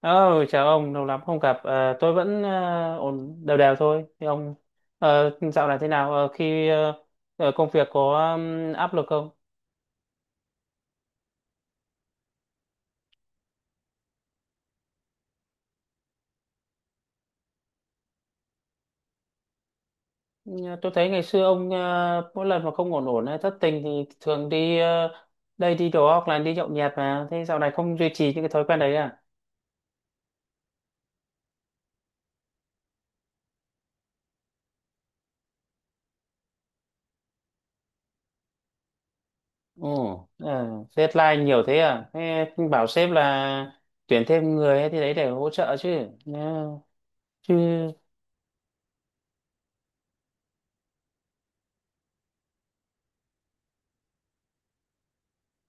Ờ, Chào ông, lâu lắm không gặp. Ờ, tôi vẫn ổn đều đều thôi. Thì ông dạo này thế nào? Công việc có áp lực không? Ờ, Tôi thấy ngày xưa ông mỗi lần mà không ổn ổn hay thất tình thì thường đi đây đi đó hoặc là đi nhậu nhẹt mà. Thế dạo này không duy trì những cái thói quen đấy à? Ồ, Ờ, Deadline nhiều thế à? Thế bảo sếp là tuyển thêm người thì đấy để hỗ trợ chứ. Ờ, chứ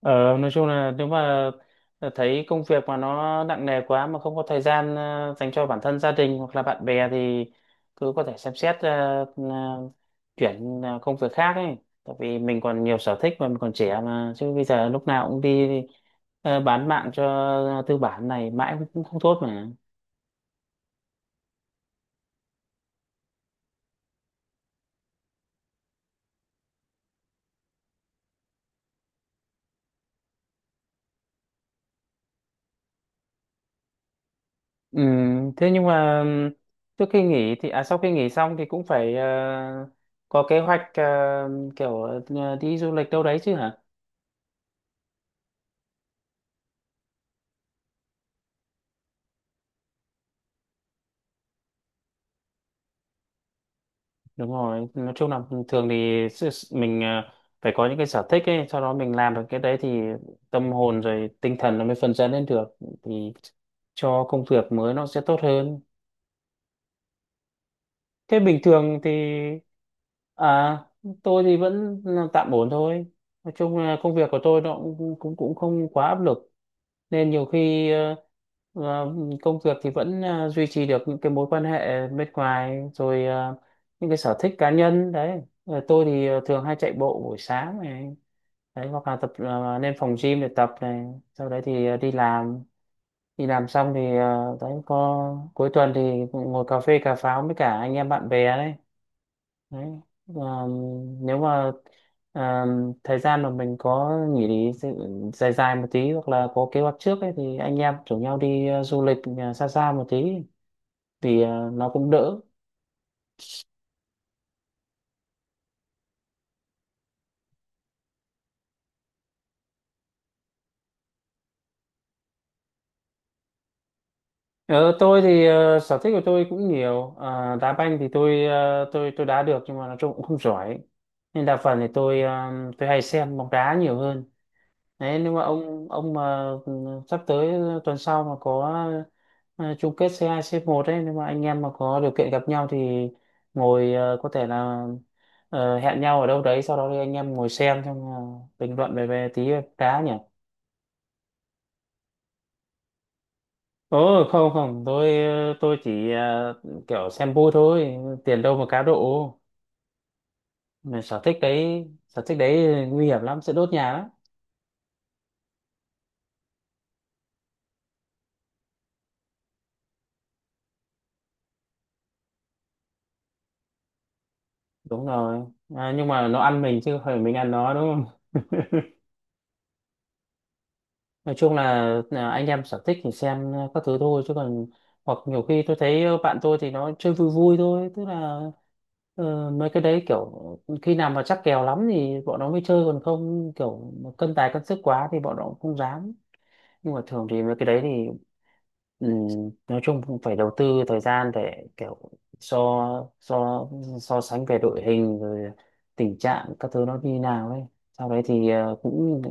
Ờ, nói chung là nếu mà thấy công việc mà nó nặng nề quá mà không có thời gian dành cho bản thân gia đình hoặc là bạn bè thì cứ có thể xem xét ờ, chuyển công việc khác ấy. Tại vì mình còn nhiều sở thích mà mình còn trẻ mà chứ bây giờ lúc nào cũng đi bán mạng cho tư bản này mãi cũng không tốt mà. Ừ, thế nhưng mà trước khi nghỉ thì à sau khi nghỉ xong thì cũng phải có kế hoạch kiểu đi du lịch đâu đấy chứ hả? Đúng rồi, nói chung là thường thì mình à, phải có những cái sở thích ấy, sau đó mình làm được cái đấy thì tâm hồn rồi tinh thần nó mới phấn chấn lên được, thì cho công việc mới nó sẽ tốt hơn. Thế bình thường thì à tôi thì vẫn là tạm ổn thôi, nói chung là công việc của tôi nó cũng cũng cũng không quá áp lực, nên nhiều khi ờ, công việc thì vẫn duy trì được những cái mối quan hệ bên ngoài rồi những cái sở thích cá nhân đấy. Ờ, tôi thì thường hay chạy bộ buổi sáng này đấy, hoặc là tập lên phòng gym để tập này, sau đấy thì đi làm. Đi làm xong thì đấy có, cuối tuần thì ngồi cà phê cà pháo với cả anh em bạn bè đấy đấy. Ờ, Nếu mà ờ, thời gian mà mình có nghỉ dài dài một tí hoặc là có kế hoạch trước ấy, thì anh em rủ nhau đi du lịch xa xa một tí thì nó cũng đỡ. Ờ, tôi thì sở thích của tôi cũng nhiều. Ờ, Đá banh thì tôi tôi đá được nhưng mà nói chung cũng không giỏi, nên đa phần thì tôi tôi hay xem bóng đá nhiều hơn. Đấy, nếu mà ông mà sắp tới tuần sau mà có chung kết c hai c một ấy, nếu mà anh em mà có điều kiện gặp nhau thì ngồi có thể là hẹn nhau ở đâu đấy, sau đó thì anh em ngồi xem xong là bình luận về về tí, cá nhỉ. Ồ không không, tôi chỉ kiểu xem vui thôi, tiền đâu mà cá độ. Mà sở thích đấy nguy hiểm lắm, sẽ đốt nhà lắm. Đúng rồi. À, nhưng mà nó ăn mình chứ không phải mình ăn nó đúng. Nói chung là anh em sở thích thì xem các thứ thôi chứ còn, hoặc nhiều khi tôi thấy bạn tôi thì nó chơi vui vui thôi, tức là mấy cái đấy kiểu khi nào mà chắc kèo lắm thì bọn nó mới chơi, còn không kiểu mà cân tài cân sức quá thì bọn nó cũng không dám. Nhưng mà thường thì mấy cái đấy thì, ừ, nói chung cũng phải đầu tư thời gian để kiểu so so so sánh về đội hình rồi tình trạng các thứ nó như nào ấy, sau đấy thì cũng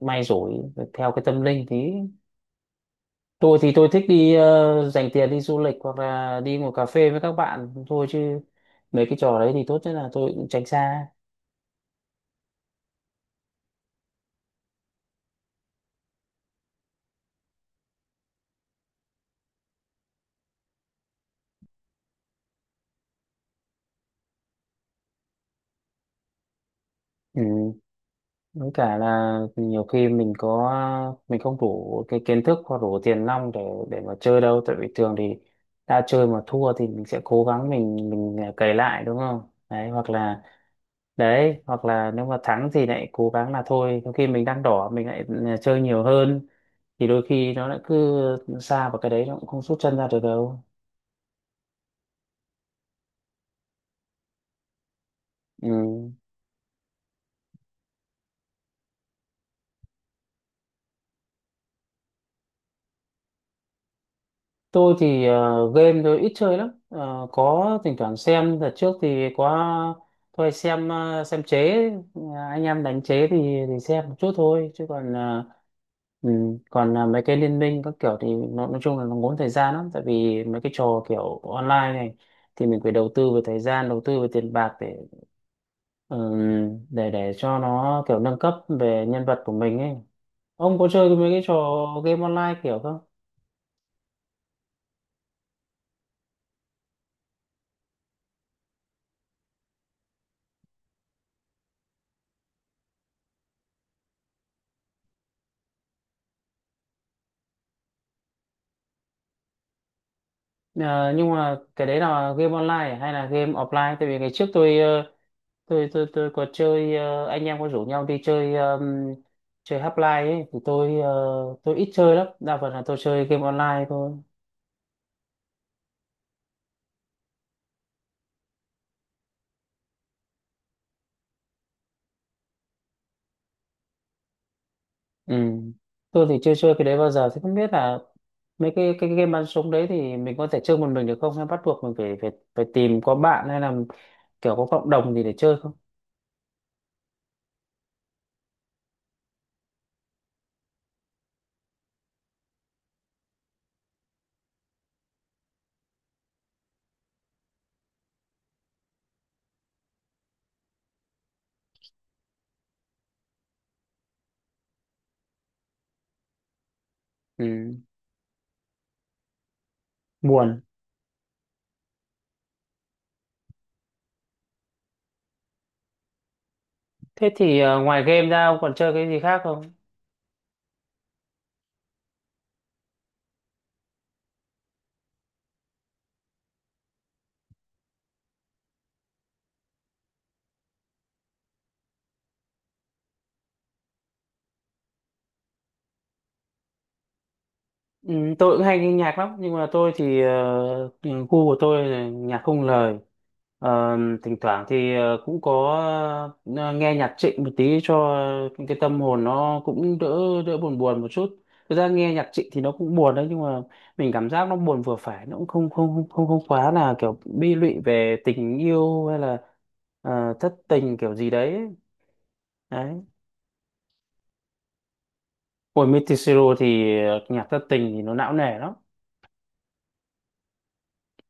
may rủi theo cái tâm linh tí. Tôi thì tôi thích đi dành tiền đi du lịch hoặc là đi ngồi cà phê với các bạn thôi, chứ mấy cái trò đấy thì tốt nhất là tôi cũng tránh xa. Ừ. Với cả là nhiều khi mình có, mình không đủ cái kiến thức hoặc đủ tiền nong để mà chơi đâu, tại vì thường thì đã chơi mà thua thì mình sẽ cố gắng mình à, cày lại đúng không, đấy hoặc là, đấy hoặc là nếu mà thắng thì lại cố gắng là thôi có khi mình đang đỏ mình lại à, chơi nhiều hơn, thì đôi khi nó lại cứ xa vào cái đấy nó cũng không rút chân ra được đâu. Ừ. Tôi thì game tôi ít chơi lắm. Ờ, có thỉnh thoảng xem, đợt trước thì có tôi hay xem xem chế. Ờ, anh em đánh chế thì xem một chút thôi chứ còn ừ, còn mấy cái liên minh các kiểu thì nó nói chung là nó ngốn thời gian lắm, tại vì mấy cái trò kiểu online này thì mình phải đầu tư về thời gian, đầu tư về tiền bạc để ừ, để cho nó kiểu nâng cấp về nhân vật của mình ấy. Ông có chơi mấy cái trò game online kiểu không? Ờ, nhưng mà cái đấy là game online à, hay là game offline? Tại vì ngày trước tôi tôi có chơi anh em có rủ nhau đi chơi, chơi Half-Life ấy, thì tôi tôi ít chơi lắm, đa phần là tôi chơi game online thôi. Ừ. Tôi thì chưa chơi cái đấy bao giờ thì không biết là mấy cái game bắn súng đấy thì mình có thể chơi một mình được không, hay bắt buộc mình phải phải phải tìm có bạn hay là kiểu có cộng đồng gì để chơi không? Ừ. Buồn. Thế thì ngoài game ra ông còn chơi cái gì khác không? Ừ, tôi cũng hay nghe nhạc lắm, nhưng mà tôi thì gu của tôi là nhạc không lời. Ờ, Thỉnh thoảng thì cũng có ờ, nghe nhạc Trịnh một tí cho cái tâm hồn nó cũng đỡ, đỡ buồn buồn một chút. Thực ra nghe nhạc Trịnh thì nó cũng buồn đấy, nhưng mà mình cảm giác nó buồn vừa phải, nó cũng không không không không, không quá là kiểu bi lụy về tình yêu hay là thất tình kiểu gì đấy đấy. Của Mitisuo thì nhạc thất tình thì nó não nề lắm.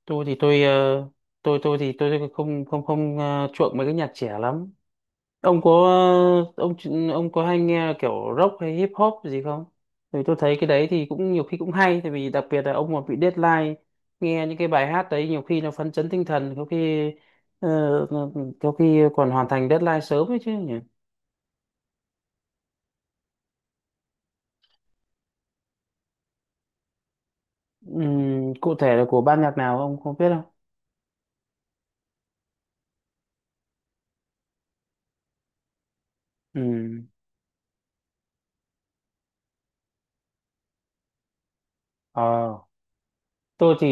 Tôi thì tôi tôi thì tôi không không không chuộng mấy cái nhạc trẻ lắm. Ông có ờ, ông ông có hay nghe kiểu rock hay hip hop gì không? Vì tôi thấy cái đấy thì cũng nhiều khi cũng hay, tại vì đặc biệt là ông mà bị deadline nghe những cái bài hát đấy nhiều khi nó phấn chấn tinh thần, có khi ờ, có khi còn hoàn thành deadline sớm ấy chứ nhỉ. Cụ thể là của ban nhạc nào ông không biết không? Ừm. Ờ, tôi thì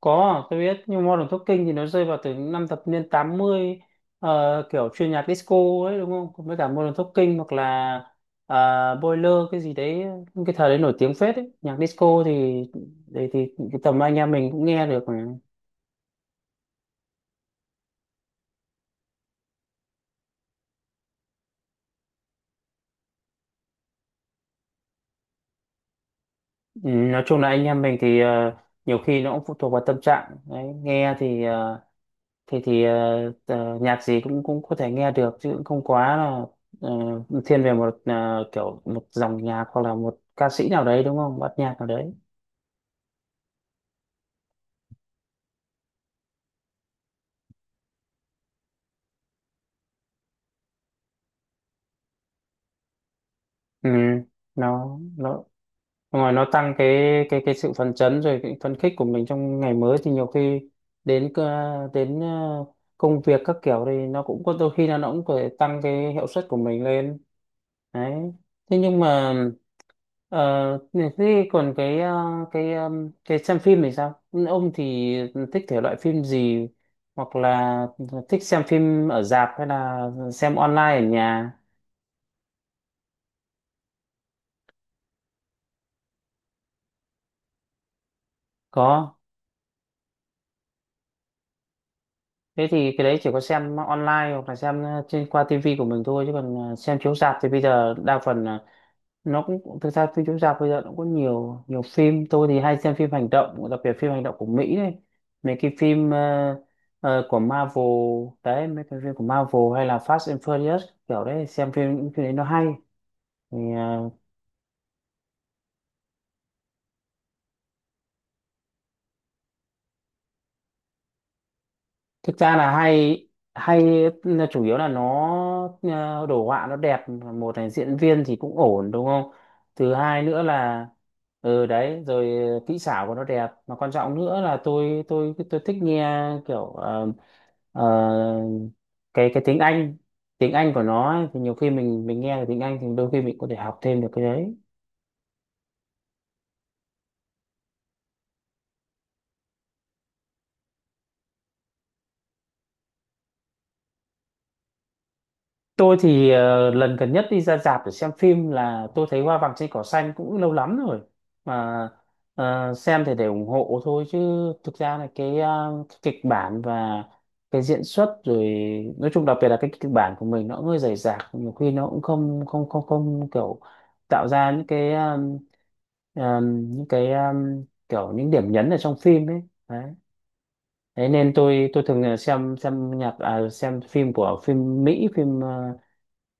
có, tôi biết, nhưng Modern Talking thì nó rơi vào từ những năm thập niên 80, kiểu chuyên nhạc disco ấy đúng không? Còn với cả Modern Talking hoặc là ờ, Boiler cái gì đấy, những cái thời đấy nổi tiếng phết ấy. Nhạc disco thì đấy thì cái tầm anh em mình cũng nghe được mà. Ừ, nói chung là anh em mình thì nhiều khi nó cũng phụ thuộc vào tâm trạng đấy, nghe thì nhạc gì cũng cũng có thể nghe được chứ cũng không quá là ờ, thiên về một kiểu một dòng nhạc hoặc là một ca sĩ nào đấy đúng không, bắt nhạc nào đấy. Ừ, nó ngoài nó tăng cái cái sự phấn chấn rồi cái phấn khích của mình trong ngày mới, thì nhiều khi đến đến công việc các kiểu thì nó cũng có đôi khi là nó cũng có thể tăng cái hiệu suất của mình lên đấy. Thế nhưng mà ờ, thế còn cái cái xem phim thì sao? Ông thì thích thể loại phim gì, hoặc là thích xem phim ở rạp hay là xem online ở nhà? Có, thế thì cái đấy chỉ có xem online hoặc là xem trên qua tivi của mình thôi, chứ còn xem chiếu rạp thì bây giờ đa phần nó cũng, thực ra phim chiếu rạp bây giờ nó cũng có nhiều, nhiều phim tôi thì hay xem phim hành động, đặc biệt phim hành động của Mỹ đấy, mấy cái phim của Marvel đấy, mấy cái phim của Marvel hay là Fast and Furious kiểu đấy, xem phim những phim đấy nó hay, thì thực ra là hay. Hay là chủ yếu là nó đồ họa nó đẹp một, là diễn viên thì cũng ổn đúng không, thứ hai nữa là, ừ đấy rồi kỹ xảo của nó đẹp, mà quan trọng nữa là tôi tôi thích nghe kiểu ờ, cái tiếng Anh, tiếng Anh của nó ấy, thì nhiều khi mình nghe được tiếng Anh thì đôi khi mình có thể học thêm được cái đấy. Tôi thì lần gần nhất đi ra rạp để xem phim là tôi thấy Hoa Vàng Trên Cỏ Xanh, cũng lâu lắm rồi mà. Xem thì để ủng hộ thôi, chứ thực ra là cái, cái kịch bản và cái diễn xuất rồi, nói chung đặc biệt là cái kịch bản của mình nó cũng hơi rời rạc, nhiều khi nó cũng không không không không kiểu tạo ra những cái những cái kiểu những điểm nhấn ở trong phim ấy. Đấy nên tôi thường là xem nhạc à, xem phim của phim Mỹ, phim ờ,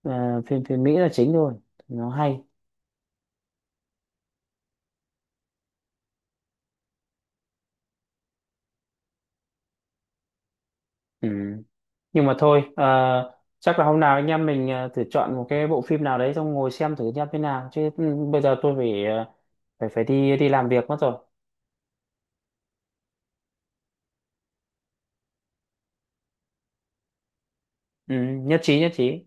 ờ, phim phim Mỹ là chính thôi, nó hay. Ừ. Nhưng mà thôi chắc là hôm nào anh em mình thử chọn một cái bộ phim nào đấy xong ngồi xem thử nhá thế nào, chứ ừ, bây giờ tôi phải phải phải đi đi làm việc mất rồi. Ừ, nhất trí nhất trí.